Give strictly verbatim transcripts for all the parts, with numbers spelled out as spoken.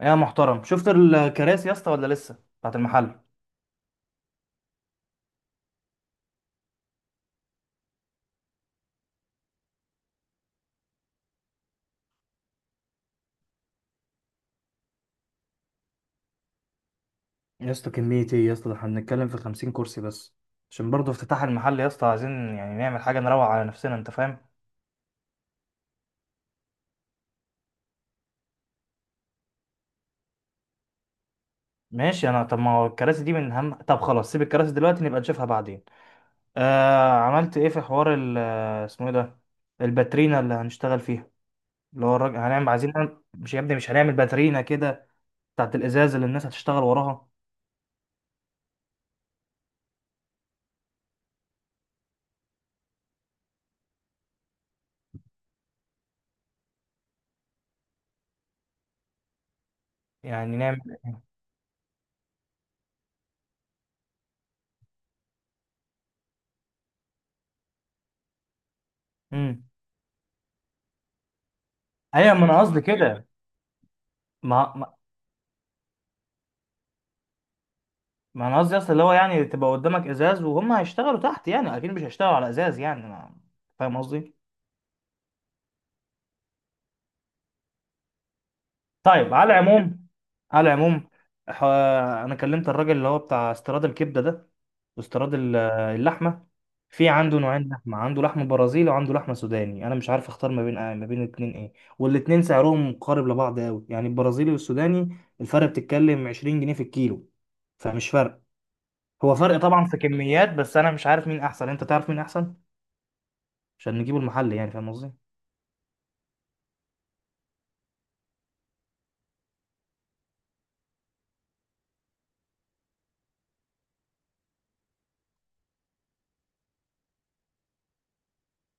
يا محترم، شفت الكراسي يا اسطى ولا لسه بتاعت المحل؟ يا اسطى كمية ايه يا اسطى؟ ده احنا بنتكلم في 50 كرسي بس، عشان برضه افتتاح المحل يا اسطى، عايزين يعني نعمل حاجة نروق على نفسنا، انت فاهم. ماشي انا، طب ما هو الكراسي دي من هم، طب خلاص سيب الكراسي دلوقتي نبقى نشوفها بعدين. آه، عملت ايه في حوار ال اسمه ايه ده الباترينا اللي هنشتغل فيها، اللي هو الراجل هنعمل، عايزين نعمل- مش يا ابني مش هنعمل باترينا كده، بتاعت الازاز اللي الناس هتشتغل وراها. يعني نعمل. امم ايوه ما انا قصدي كده. ما ما انا قصدي اصل اللي هو يعني تبقى قدامك ازاز وهم هيشتغلوا تحت، يعني اكيد مش هيشتغلوا على ازاز، يعني ما، فاهم قصدي. طيب، على العموم، على العموم، ح- انا كلمت الراجل اللي هو بتاع استيراد الكبده ده، واستيراد ال- اللحمه، في عنده نوعين لحمه، عنده لحم برازيلي وعنده لحمه سوداني، انا مش عارف اختار ما بين آه، ما بين الاتنين ايه. والاتنين سعرهم قارب لبعض قوي يعني، البرازيلي والسوداني الفرق بتتكلم عشرين جنيه في الكيلو، فمش فرق. هو فرق طبعا في كميات، بس انا مش عارف مين احسن، انت تعرف مين احسن عشان نجيبه المحل يعني، فاهم قصدي.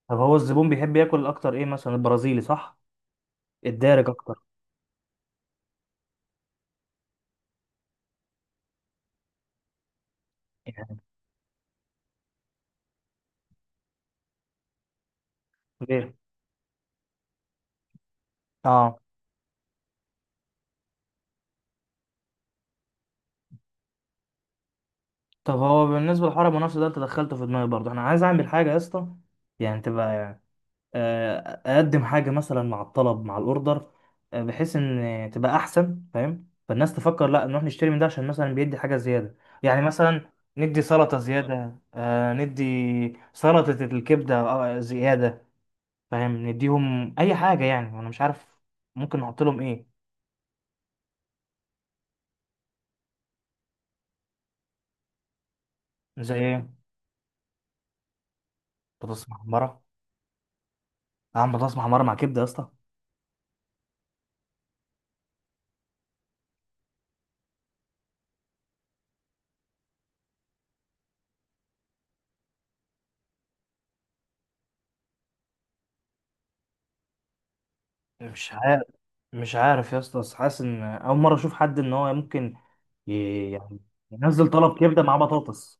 طب هو الزبون بيحب ياكل اكتر ايه، مثلا البرازيلي صح؟ الدارج اكتر يعني؟ ليه؟ اه. طب هو بالنسبه لحوار المنافسه ده انت دخلته في دماغي برضه، انا عايز اعمل حاجه يا اسطى، يعني تبقى يعني آه، اقدم حاجه مثلا مع الطلب، مع الاوردر، آه، بحيث ان تبقى احسن، فاهم، فالناس تفكر، لا نروح نشتري من ده عشان مثلا بيدي حاجه زياده. يعني مثلا ندي سلطه زياده، آه، ندي سلطه الكبده، آه، زياده، فاهم، نديهم اي حاجه يعني، انا مش عارف ممكن نحط لهم ايه. زي ايه؟ بطاطس محمره؟ اعمل بطاطس محمره مع كبده يا اسطى؟ مش عارف، مش عارف يا اسطى، بس حاسس ان اول مره اشوف حد ان هو ممكن، ي- يعني ينزل طلب كبده مع بطاطس.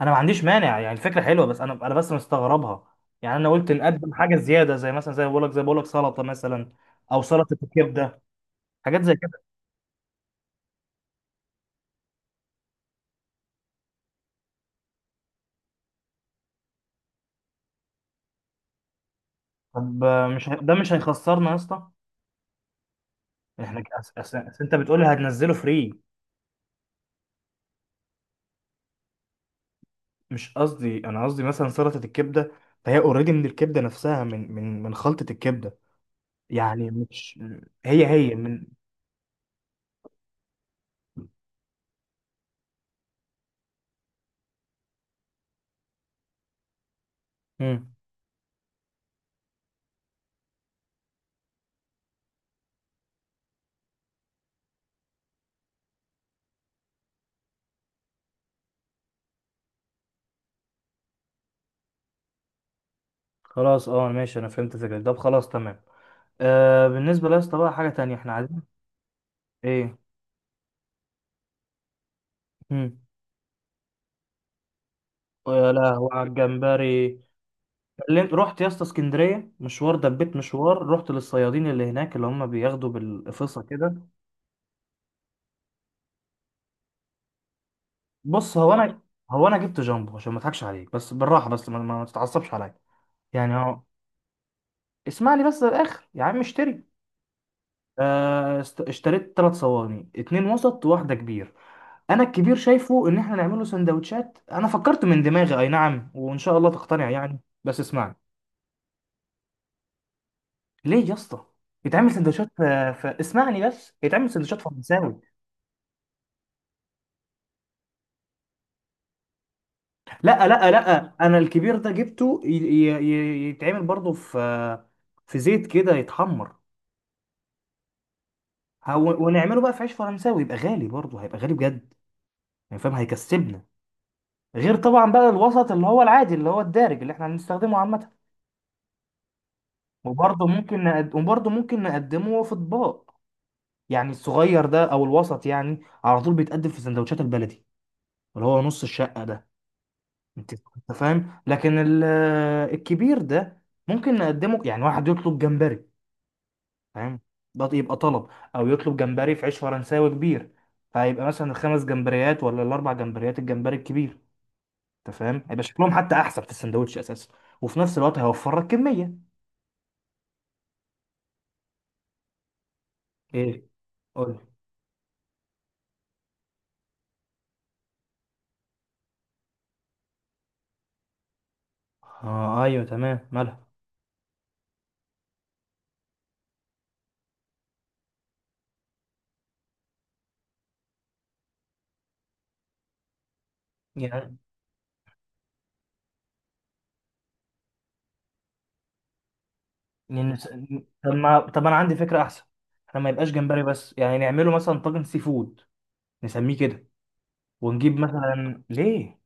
انا ما عنديش مانع يعني، الفكره حلوه، بس انا انا بس مستغربها. يعني انا قلت نقدم حاجه زياده زي مثلا، زي بقول لك، زي بقول لك سلطه مثلا، او سلطه الكبده، حاجات زي كده. طب آه، مش هي- ده مش هيخسرنا يا اسطى؟ احنا ك- أس... أس... أس... انت بتقول هتنزله فري. مش قصدي، انا قصدي مثلا سلطه الكبده، فهي اوريدي من الكبده نفسها، من من من خلطه الكبده، يعني مش، هي هي من. مم. خلاص اه ماشي، انا فهمت فكرة، طب خلاص تمام. آه، بالنسبه لاسطى بقى، حاجه تانية احنا عايزين ايه. مم. يا لهوي على الجمبري. كلمت، رحت يا اسطى اسكندريه مشوار، دبيت مشوار، رحت للصيادين اللي هناك اللي هم بياخدوا بالقفصه كده. بص هو انا، هو انا جبت جامبو، عشان ما اضحكش عليك، بس بالراحه، بس ما, ما ما تتعصبش عليا، يعني هو، اسمع لي بس للاخر يا عم اشتري. آه، است- اشتريت ثلاث صواني، اتنين وسط وواحده كبير. انا الكبير شايفه ان احنا نعمله سندوتشات، انا فكرت من دماغي اي نعم، وان شاء الله تقتنع يعني بس اسمعني. ليه يا اسطى؟ يتعمل سندوتشات ف... ف... اسمعني بس، يتعمل سندوتشات فرنساوي. لا لا لا، انا الكبير ده جبته ي... ي... ي- يتعمل برضه في في زيت كده يتحمر. هو... ونعمله بقى في عيش فرنساوي، يبقى غالي برضه، هيبقى غالي بجد، يعني فاهم، هيكسبنا، غير طبعا بقى الوسط اللي هو العادي، اللي هو الدارج اللي احنا بنستخدمه عامة. وبرضه ممكن نقد... وبرضه ممكن نقدمه في اطباق، يعني الصغير ده او الوسط يعني، على طول بيتقدم في سندوتشات البلدي اللي هو نص الشقة ده، انت انت فاهم. لكن ال... الكبير ده ممكن نقدمه، يعني واحد يطلب جمبري، فاهم، ده يبقى طلب، او يطلب جمبري في عيش فرنساوي كبير، فهيبقى مثلا الخمس جمبريات ولا الاربع جمبريات الجمبري الكبير، انت فاهم، هيبقى شكلهم حتى احسن في السندوتش اساسا، وفي نفس الوقت هيوفر لك كمية. ايه؟ قول. اه ايوه تمام، مالها؟ يعني نن- طب ما طب انا عندي فكره احسن، احنا ما يبقاش جمبري بس، يعني نعمله مثلا طاجن سي فود، نسميه كده، ونجيب مثلا ليه.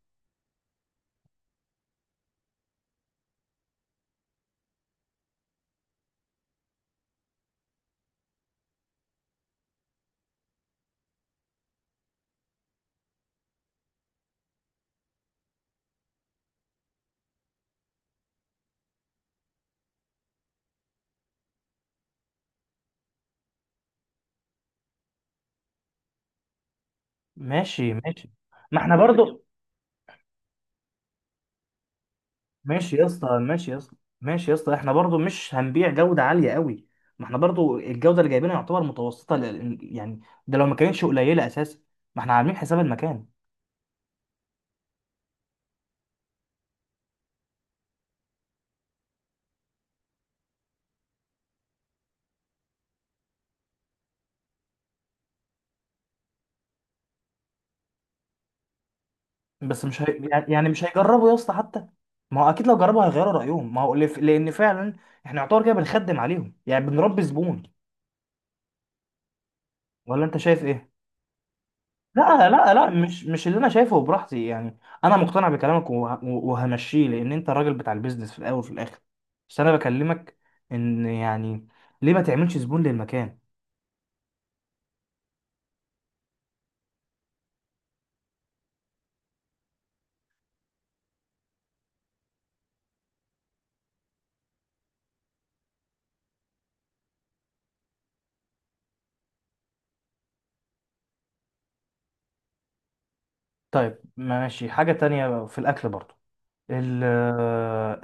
ماشي ماشي. ما احنا برضو. ماشي يا اسطى، ماشي يا اسطى، ماشي يا اسطى، احنا برضو مش هنبيع جوده عاليه قوي، ما احنا برضو الجوده اللي جايبينها يعتبر متوسطه لأن- يعني ده لو ما كانتش قليله اساسا، ما احنا عاملين حساب المكان. بس مش هي... يعني مش هيجربوا يا اسطى حتى، ما هو اكيد لو جربوا هيغيروا رايهم، ما هو لف... لان فعلا احنا يعتبر كده بنخدم عليهم، يعني بنربي زبون. ولا انت شايف ايه؟ لا لا لا، مش مش اللي انا شايفه براحتي يعني، انا مقتنع بكلامك وه... وهمشيه، لان انت الراجل بتاع البيزنس في الاول وفي الاخر، بس انا بكلمك ان يعني ليه ما تعملش زبون للمكان. طيب ماشي، حاجه تانية في الاكل برضو، ال...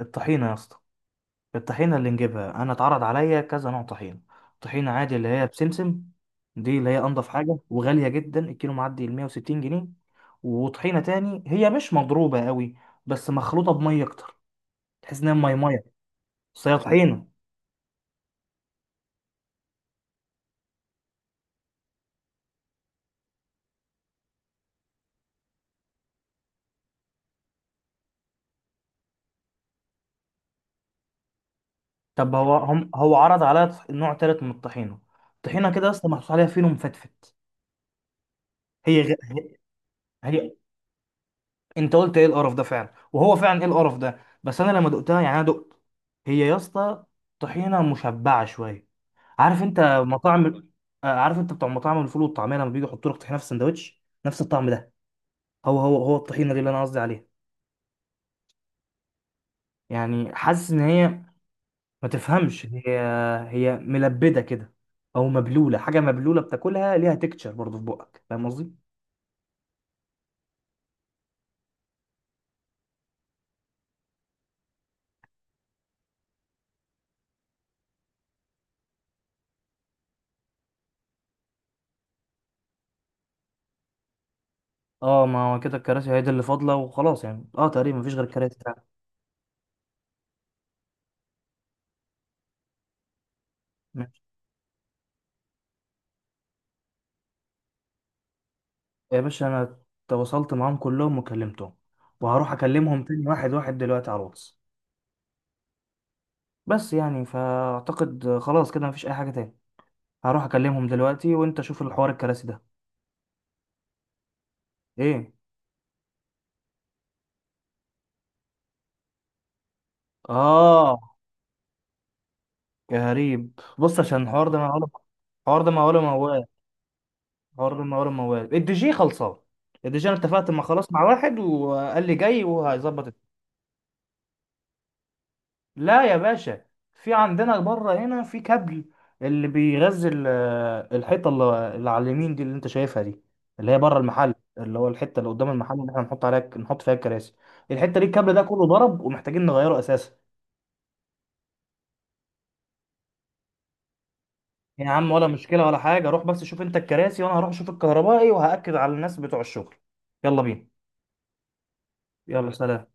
الطحينه يا اسطى. الطحينة اللي نجيبها، أنا اتعرض عليا كذا نوع طحينة. طحينة عادي اللي هي بسمسم، دي اللي هي أنضف حاجة وغالية جدا، الكيلو معدي ال مية وستين جنيه. وطحينة تاني هي مش مضروبة قوي، بس مخلوطة بمية أكتر، تحس إنها مية مية، بس هي طحينة. طب هو هم هو عرض عليا طح- نوع تالت من الطحينة، طحينة كده أصلا محطوط عليها فينو مفتفت. هي غ... هي هي- أنت قلت إيه القرف ده، فعلا وهو فعلا إيه القرف ده. بس أنا لما دقتها، يعني أنا دقت، هي يا اسطى طحينة مشبعة شوية. عارف انت مطاعم، آه، عارف انت بتوع مطاعم الفول والطعميه لما بيجوا يحطوا لك طحينه في السندوتش نفس الطعم ده. هو هو هو الطحينه دي اللي انا قصدي عليها. يعني حاسس ان هي، ما تفهمش، هي هي ملبده كده، او مبلوله، حاجه مبلوله بتاكلها ليها تكتشر برضه في بقك، فاهم قصدي. اه، ما هو كده الكراسي هي دي اللي فاضله وخلاص، يعني اه تقريبا مفيش غير الكراسي فعلا. ماشي يا باشا، انا تواصلت معاهم كلهم وكلمتهم، وهروح اكلمهم تاني واحد واحد دلوقتي على الواتس. بس يعني فاعتقد خلاص كده مفيش اي حاجه تاني، هروح اكلمهم دلوقتي، وانت شوف الحوار الكراسي ده. ايه؟ اه غريب، بص عشان الحوار ده معقول، الحوار ده معقول موال، الحوار ده معقول موال، الدي جي خلصان. الدي جي انا اتفقت مع، خلاص مع واحد، وقال لي جاي وهيظبط الد- لا يا باشا، في عندنا بره هنا في كابل اللي بيغذي ال- الحيطه اللي اللي على اليمين دي اللي انت شايفها دي، اللي هي بره المحل، اللي هو الحته اللي قدام المحل اللي احنا نحط عليها، نحط فيها الكراسي، الحته دي الكابل ده كله ضرب ومحتاجين نغيره اساسا. يا عم ولا مشكلة ولا حاجة، روح بس شوف انت الكراسي، وانا هروح اشوف الكهربائي وهأكد على الناس بتوع الشغل. يلا بينا. يلا سلام.